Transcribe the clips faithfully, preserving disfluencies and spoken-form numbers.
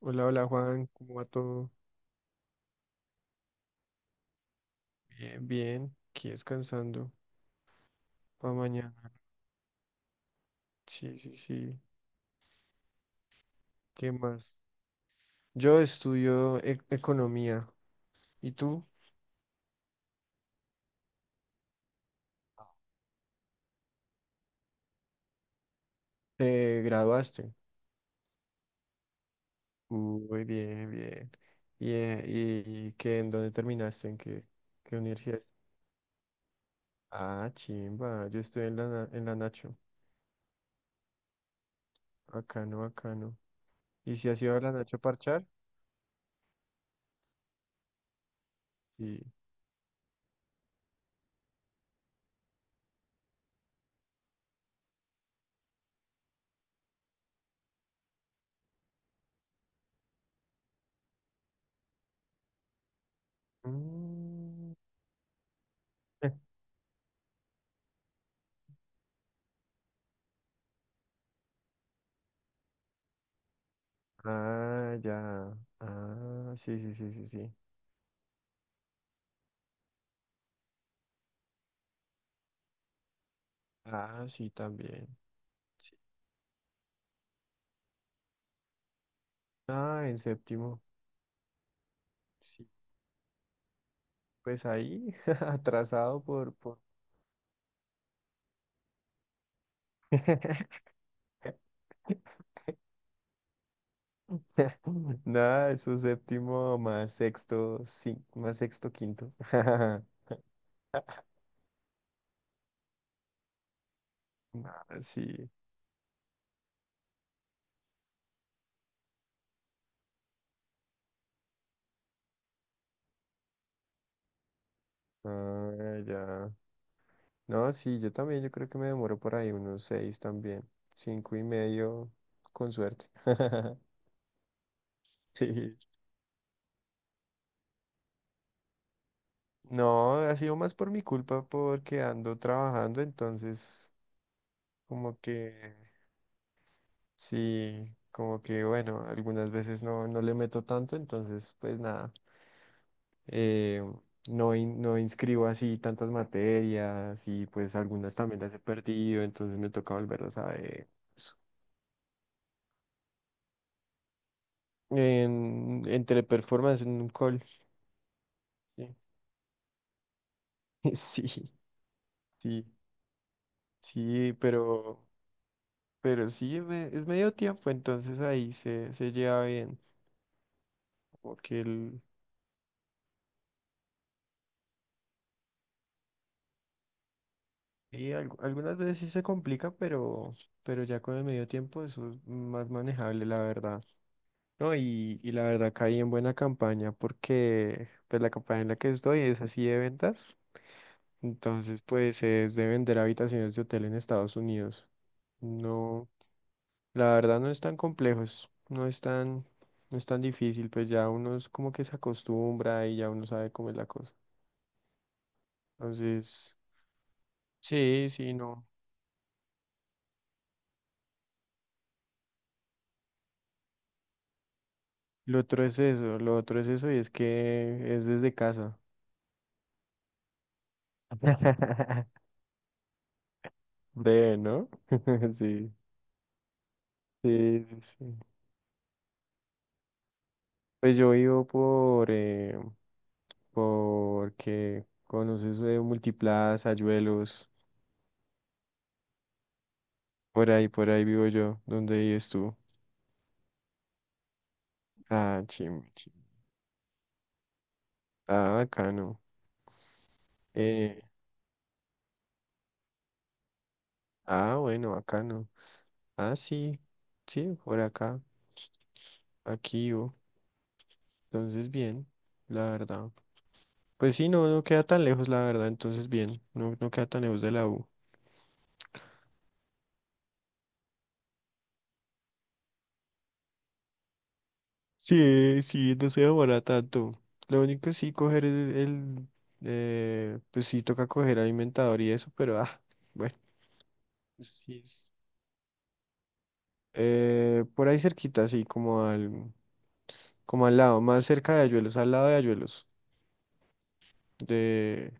Hola, hola Juan, ¿cómo va todo? Bien, bien, aquí descansando para mañana. Sí, sí, sí. ¿Qué más? Yo estudio e- economía. ¿Y tú? ¿Te graduaste? Muy bien, bien. ¿Y, eh, y qué, en dónde terminaste? ¿En qué, qué universidad? Ah, chimba, yo estoy en la, na- en la Nacho. Bacano, bacano. ¿Y si has ido a la Nacho a parchar? Sí. Mm. Ah, ya. Ah, sí, sí, sí, sí, sí. Ah, sí, también. Sí, ah, en séptimo. Sí. Pues ahí, atrasado por, por... Nada, eso es séptimo más sexto, sí, más sexto, quinto. Ah, sí. Ah, ya. No, sí, yo también, yo creo que me demoro por ahí unos seis también. Cinco y medio, con suerte. Sí. No, ha sido más por mi culpa porque ando trabajando, entonces como que... Sí, como que bueno, algunas veces no, no le meto tanto, entonces pues nada, eh, no, in- no inscribo así tantas materias y pues algunas también las he perdido, entonces me toca volverlas a ver. Eso. En, entre performance en un call. Sí, sí, sí, sí, pero, pero sí, es me- es medio tiempo, entonces ahí se, se lleva bien, porque... Y algu- algunas veces sí se complica, pero, pero ya con el medio tiempo eso es más manejable, la verdad. No, y, y la verdad caí en buena campaña porque pues la campaña en la que estoy es así de ventas. Entonces, pues es de vender habitaciones de hotel en Estados Unidos. No, la verdad no es tan complejo, es- no es tan, no es tan difícil, pues ya uno es como que se acostumbra y ya uno sabe cómo es la cosa. Entonces, sí, sí, no. Lo otro es eso, lo otro es eso y es que es desde casa. Breve, ¿no? Sí, sí, sí. Pues yo vivo por, eh, porque conoces eh, Multiplaza, Ayuelos, por ahí, por ahí vivo yo. ¿Dónde vives tú? Ah, chim, chim. Ah, bacano. Eh, ah, bueno, bacano. Ah, sí, sí, por acá, aquí yo. Entonces, bien, la verdad. Pues sí, no, no queda tan lejos, la verdad, entonces bien, no, no queda tan lejos de la U. Sí, sí, no se demora tanto. Lo único sí coger el, el, eh, pues sí toca coger alimentador y eso, pero ah, bueno. Sí es- Eh, por ahí cerquita, sí, como al, como al lado, más cerca de Ayuelos, al lado de Ayuelos, de,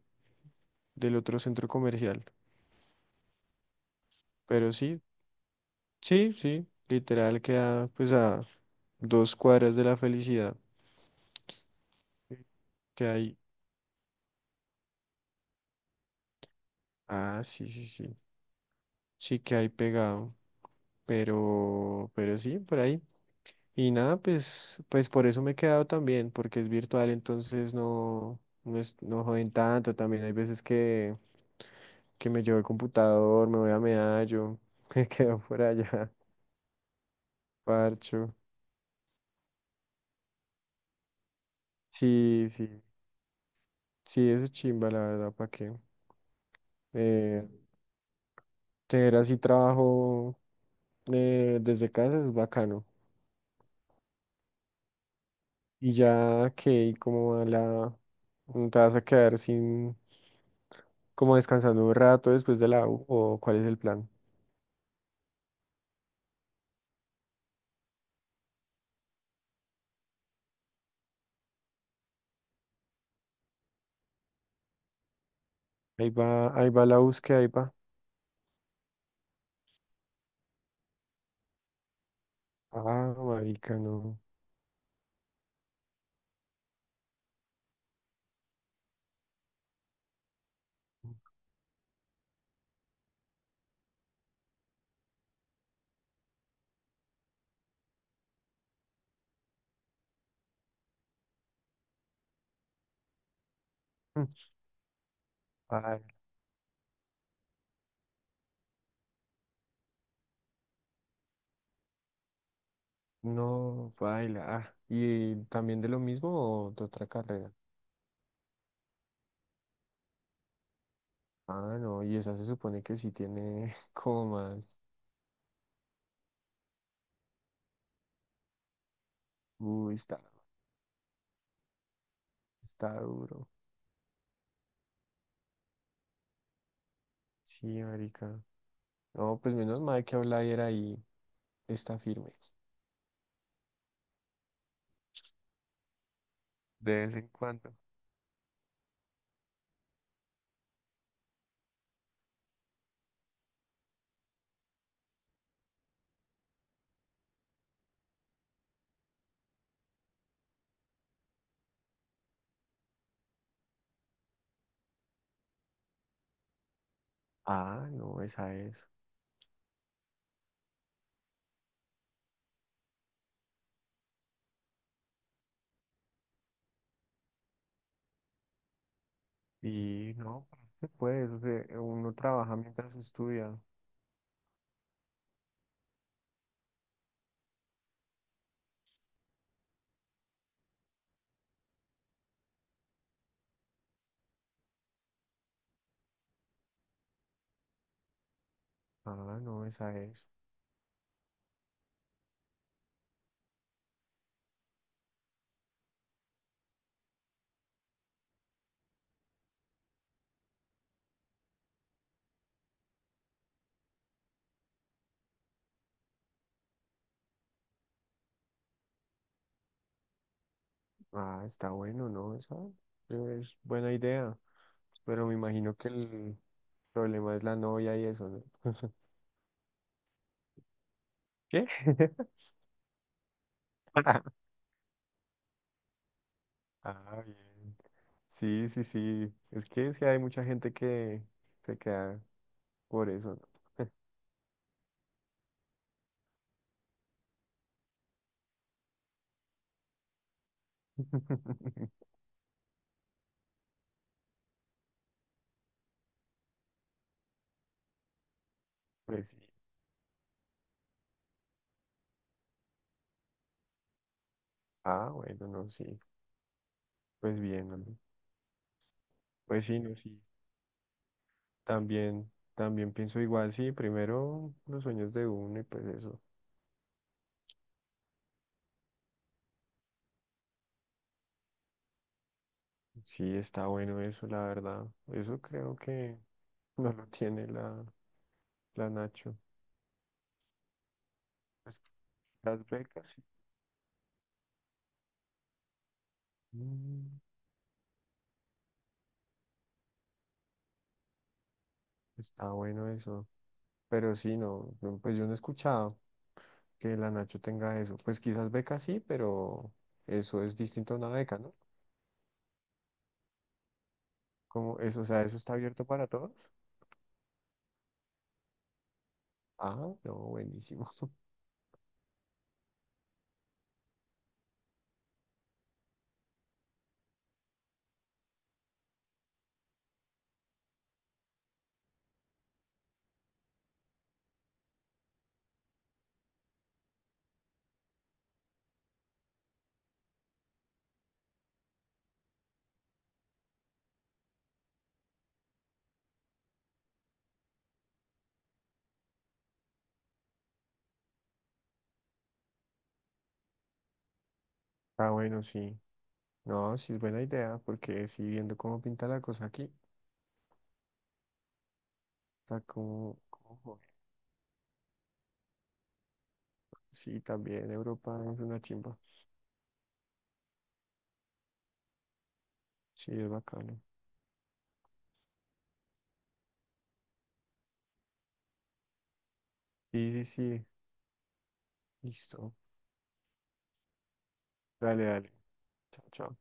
del otro centro comercial. Pero sí, sí, sí, literal queda pues a dos cuadras de la felicidad. Que hay. Ah, sí, sí, sí. Sí que hay pegado. Pero, pero sí, por ahí. Y nada, pues, pues por eso me he quedado también, porque es virtual, entonces no, no es, no joden tanto. También hay veces que, que me llevo el computador, me voy a Medallo, me quedo por allá, parcho. Sí, sí, sí, eso es chimba, la verdad, ¿para qué? Eh, tener así trabajo eh, desde casa es bacano. Y ya que como a la... ¿No? ¿Te vas a quedar sin... como descansando un rato después de la U? ¿O cuál es el plan? Ahí va, ahí va la búsqueda, ahí va. Ah, marica, no. Mm, baila, no, baila. Ah, y también de lo mismo o de otra carrera. Ah, no, y esa se supone que sí tiene como más. Uy, está, está duro. Sí, marica. No, pues menos mal que Outlier ahí está firme. De vez en cuando. Ah, no, esa es. Y no, se puede, o sea, uno trabaja mientras estudia. Ah, no, esa es. Ah, está bueno, ¿no? Esa es buena idea. Pero me imagino que el problema es la novia y eso, ¿no? ¿Qué? Ah, bien. Sí, sí, sí. Es que sí hay mucha gente que se queda por eso, ¿no? Pues sí. Ah, bueno, no, sí. Pues bien, hombre. Pues sí, no, sí. También, también pienso igual, sí, primero los sueños de uno y pues eso. Sí, está bueno eso, la verdad. Eso creo que no lo tiene la, la Nacho. Pues, las becas, sí. Mm, está bueno eso. Pero sí, no, no, pues yo no he escuchado que la Nacho tenga eso. Pues quizás becas sí, pero eso es distinto a una beca, ¿no? Como eso, o sea, eso está abierto para todos. Ah, no, buenísimo. Está bueno, sí. No, sí es buena idea, porque sí, viendo cómo pinta la cosa aquí, o sea, cómo, cómo juega. Sí, también Europa es una chimba. Sí, es bacano. Sí, sí, sí, listo. Dale, dale. Chao, chao.